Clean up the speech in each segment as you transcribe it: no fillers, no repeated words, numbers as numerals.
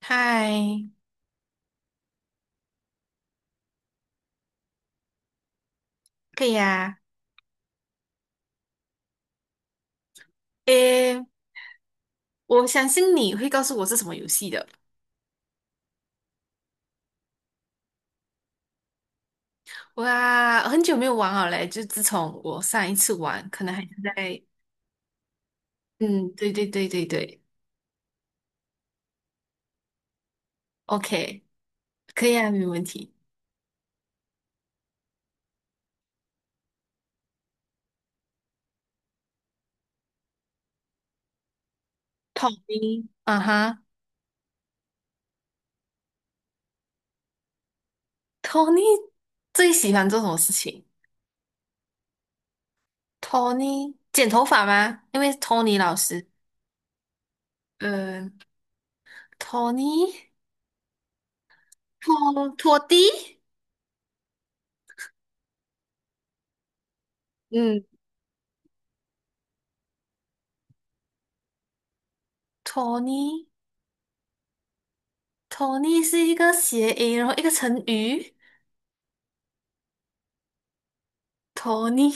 嗨，可以啊。诶，我相信你会告诉我是什么游戏的。哇，很久没有玩了嘞，就自从我上一次玩，可能还是在……嗯，对对对对对，OK，可以啊，没问题。Tony，啊哈，Tony 最喜欢做什么事情？Tony 剪头发吗？因为 Tony 老师，嗯、t o n y 拖拖地，嗯，Tony 是一个谐音，然后一个成语。托尼，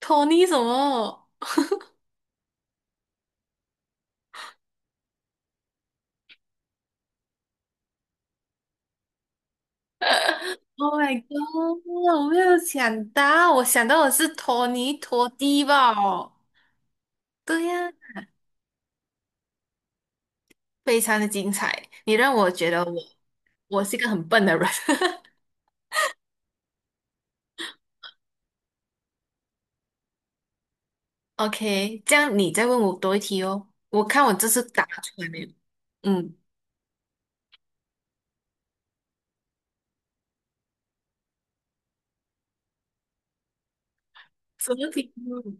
托尼 什么？Oh my god！我没有想到，我想到的是托尼托蒂吧？对呀，非常的精彩，你让我觉得我是一个很笨的人。OK，这样你再问我多一题哦，我看我这次答出来没有？嗯，什么题目？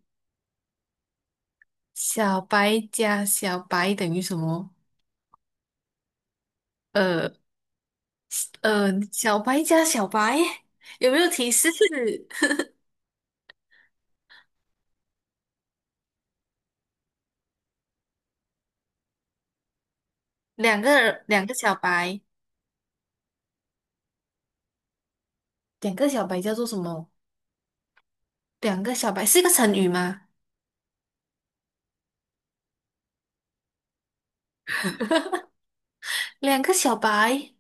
小白加小白等于什么？呃小白加小白有没有提示？两个小白。两个小白叫做什么？两个小白是一个成语吗？两个小白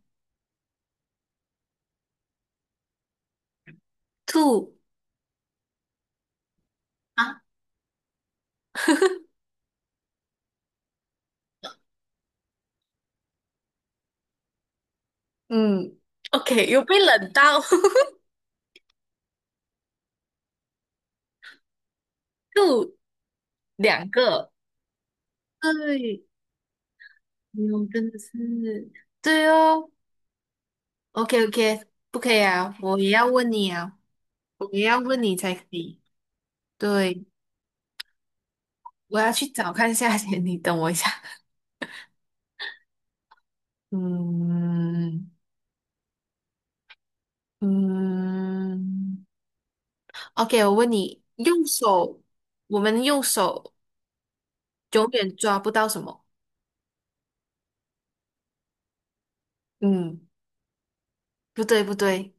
兔啊，嗯？OK，又被冷到 w o 两个，对，哟，真的是对哦。OK OK，不可以啊，我也要问你啊，我也要问你才可以。对，我要去找看一下先，你等我一下。嗯嗯，OK，我问你，用手，我们用手永远抓不到什么？嗯，不对不对，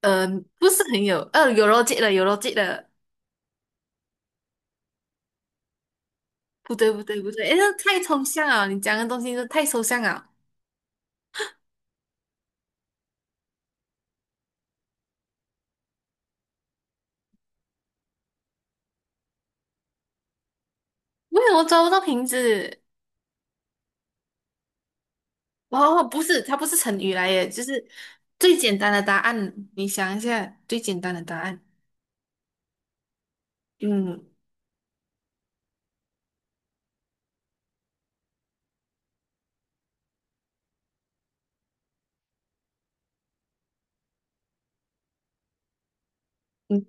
嗯、不是很有，有逻辑的，有逻辑的，不对不对不对，诶，这太抽象了，你讲的东西都太抽象了，为什么抓不到瓶子？哦，不是，它不是成语来耶，就是最简单的答案，你想一下最简单的答案，嗯嗯，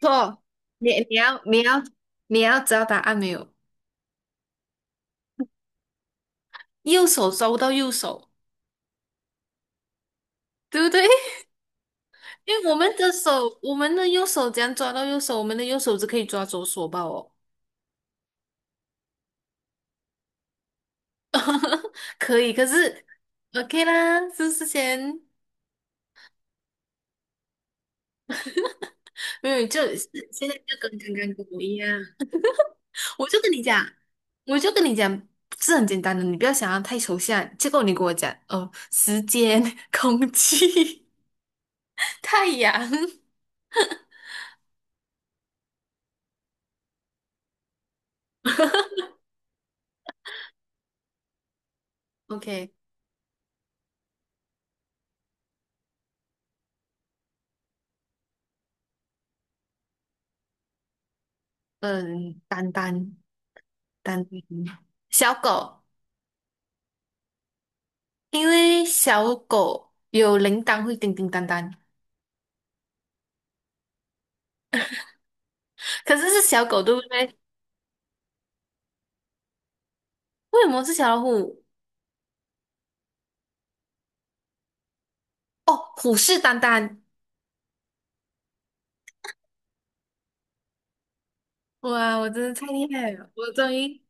错，你你要你要你要知道答案没有？右手抓不到右手，对不对？因为我们的手，我们的右手怎样抓到右手？我们的右手只可以抓左手吧？哦。可以，可是 OK 啦，是不是先没有，就是现在就跟刚刚跟我一样，我就跟你讲，我就跟你讲，是很简单的，你不要想要太抽象。结果你跟我讲，哦，时间、空气、太阳，OK，嗯，丹丹，小狗，因为小狗有铃铛会叮叮当当，可是是小狗对不对？为什么是小老虎？哦，虎视眈眈。哇，我真的太厉害了！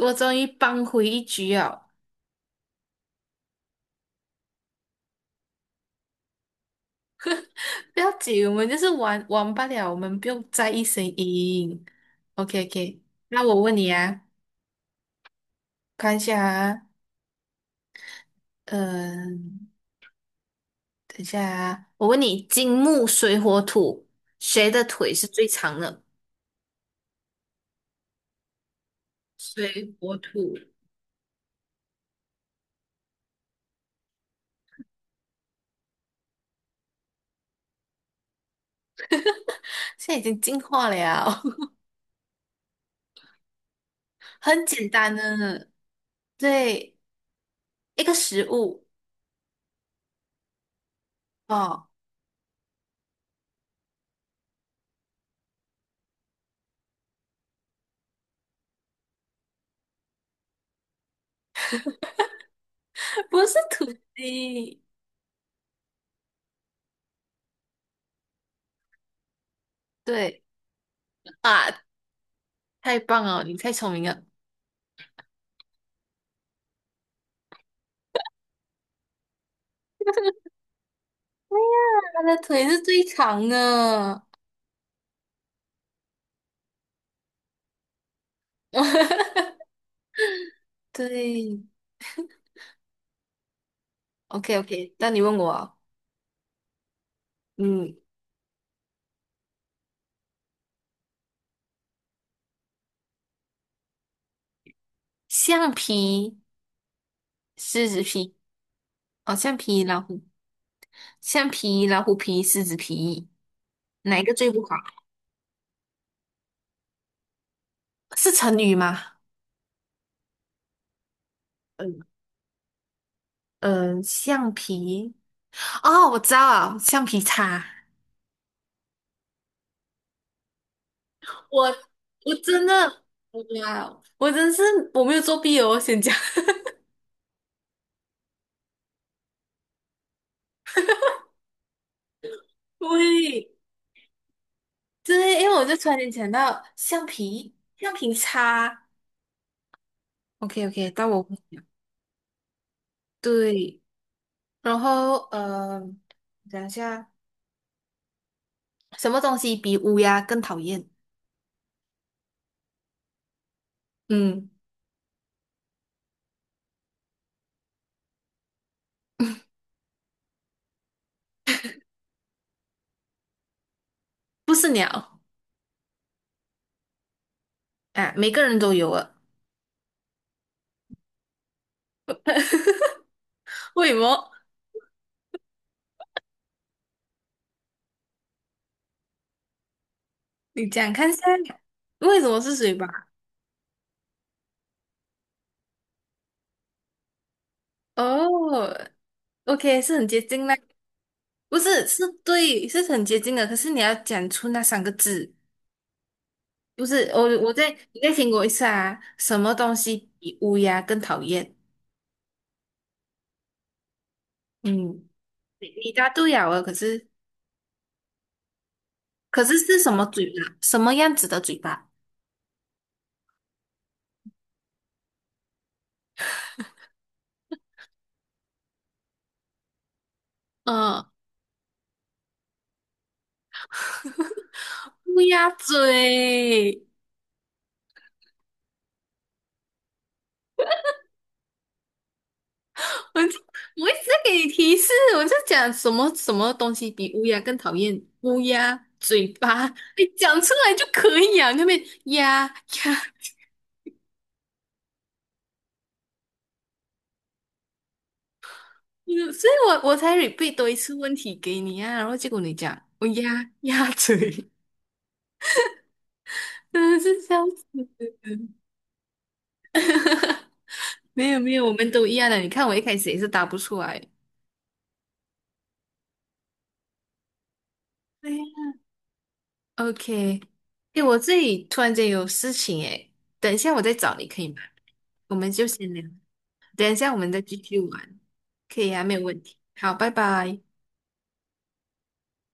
我终于扳回一局了。不要紧，我们就是玩玩罢了，我们不用在意谁赢。OK OK，那我问你啊，看一下啊，嗯、等一下啊，我问你，金木水火土，谁的腿是最长的？水火土，现在已经进化了，很简单的，对，一个食物哦，不是土鸡，对。啊。太棒了，你太聪明了。呀，它的腿是最长的。对，OK OK，那你问我啊嗯，橡皮、狮子皮，哦，橡皮、老虎、橡皮、老虎皮、狮子皮，哪一个最不好？是成语吗？嗯嗯，呃橡皮，哦，我知道了，橡皮擦。我我真的，我不要，我真是我没有作弊哦，我先讲，对，对，因为我就突然间想到橡皮，橡皮擦。OK OK，到我会讲。对，然后呃，讲一下，什么东西比乌鸦更讨厌？嗯，不是鸟啊，每个人都有啊。为什么？你讲看下，为什么是水吧？哦，OK，是很接近啦。不是，是对，是很接近的。可是你要讲出那三个字，不是我，我再你再听过一次啊。什么东西比乌鸦更讨厌？嗯，你你答对了啊可是可是是什么嘴巴？什么样子的嘴巴？嗯，乌鸦嘴，我就我一直在给你提示，我就讲什么什么东西比乌鸦更讨厌？乌鸦嘴巴，你讲出来就可以啊，那边呀呀，嗯，所以我才 repeat 多一次问题给你啊，然后结果你讲乌鸦鸭嘴，真的是笑死！没有没有，我们都一样的，你看我一开始也是答不出来。对呀 OK，哎，我这里突然间有事情哎，等一下我再找你可以吗？我们就先聊，等一下我们再继续玩，可以啊，没有问题。好，拜拜。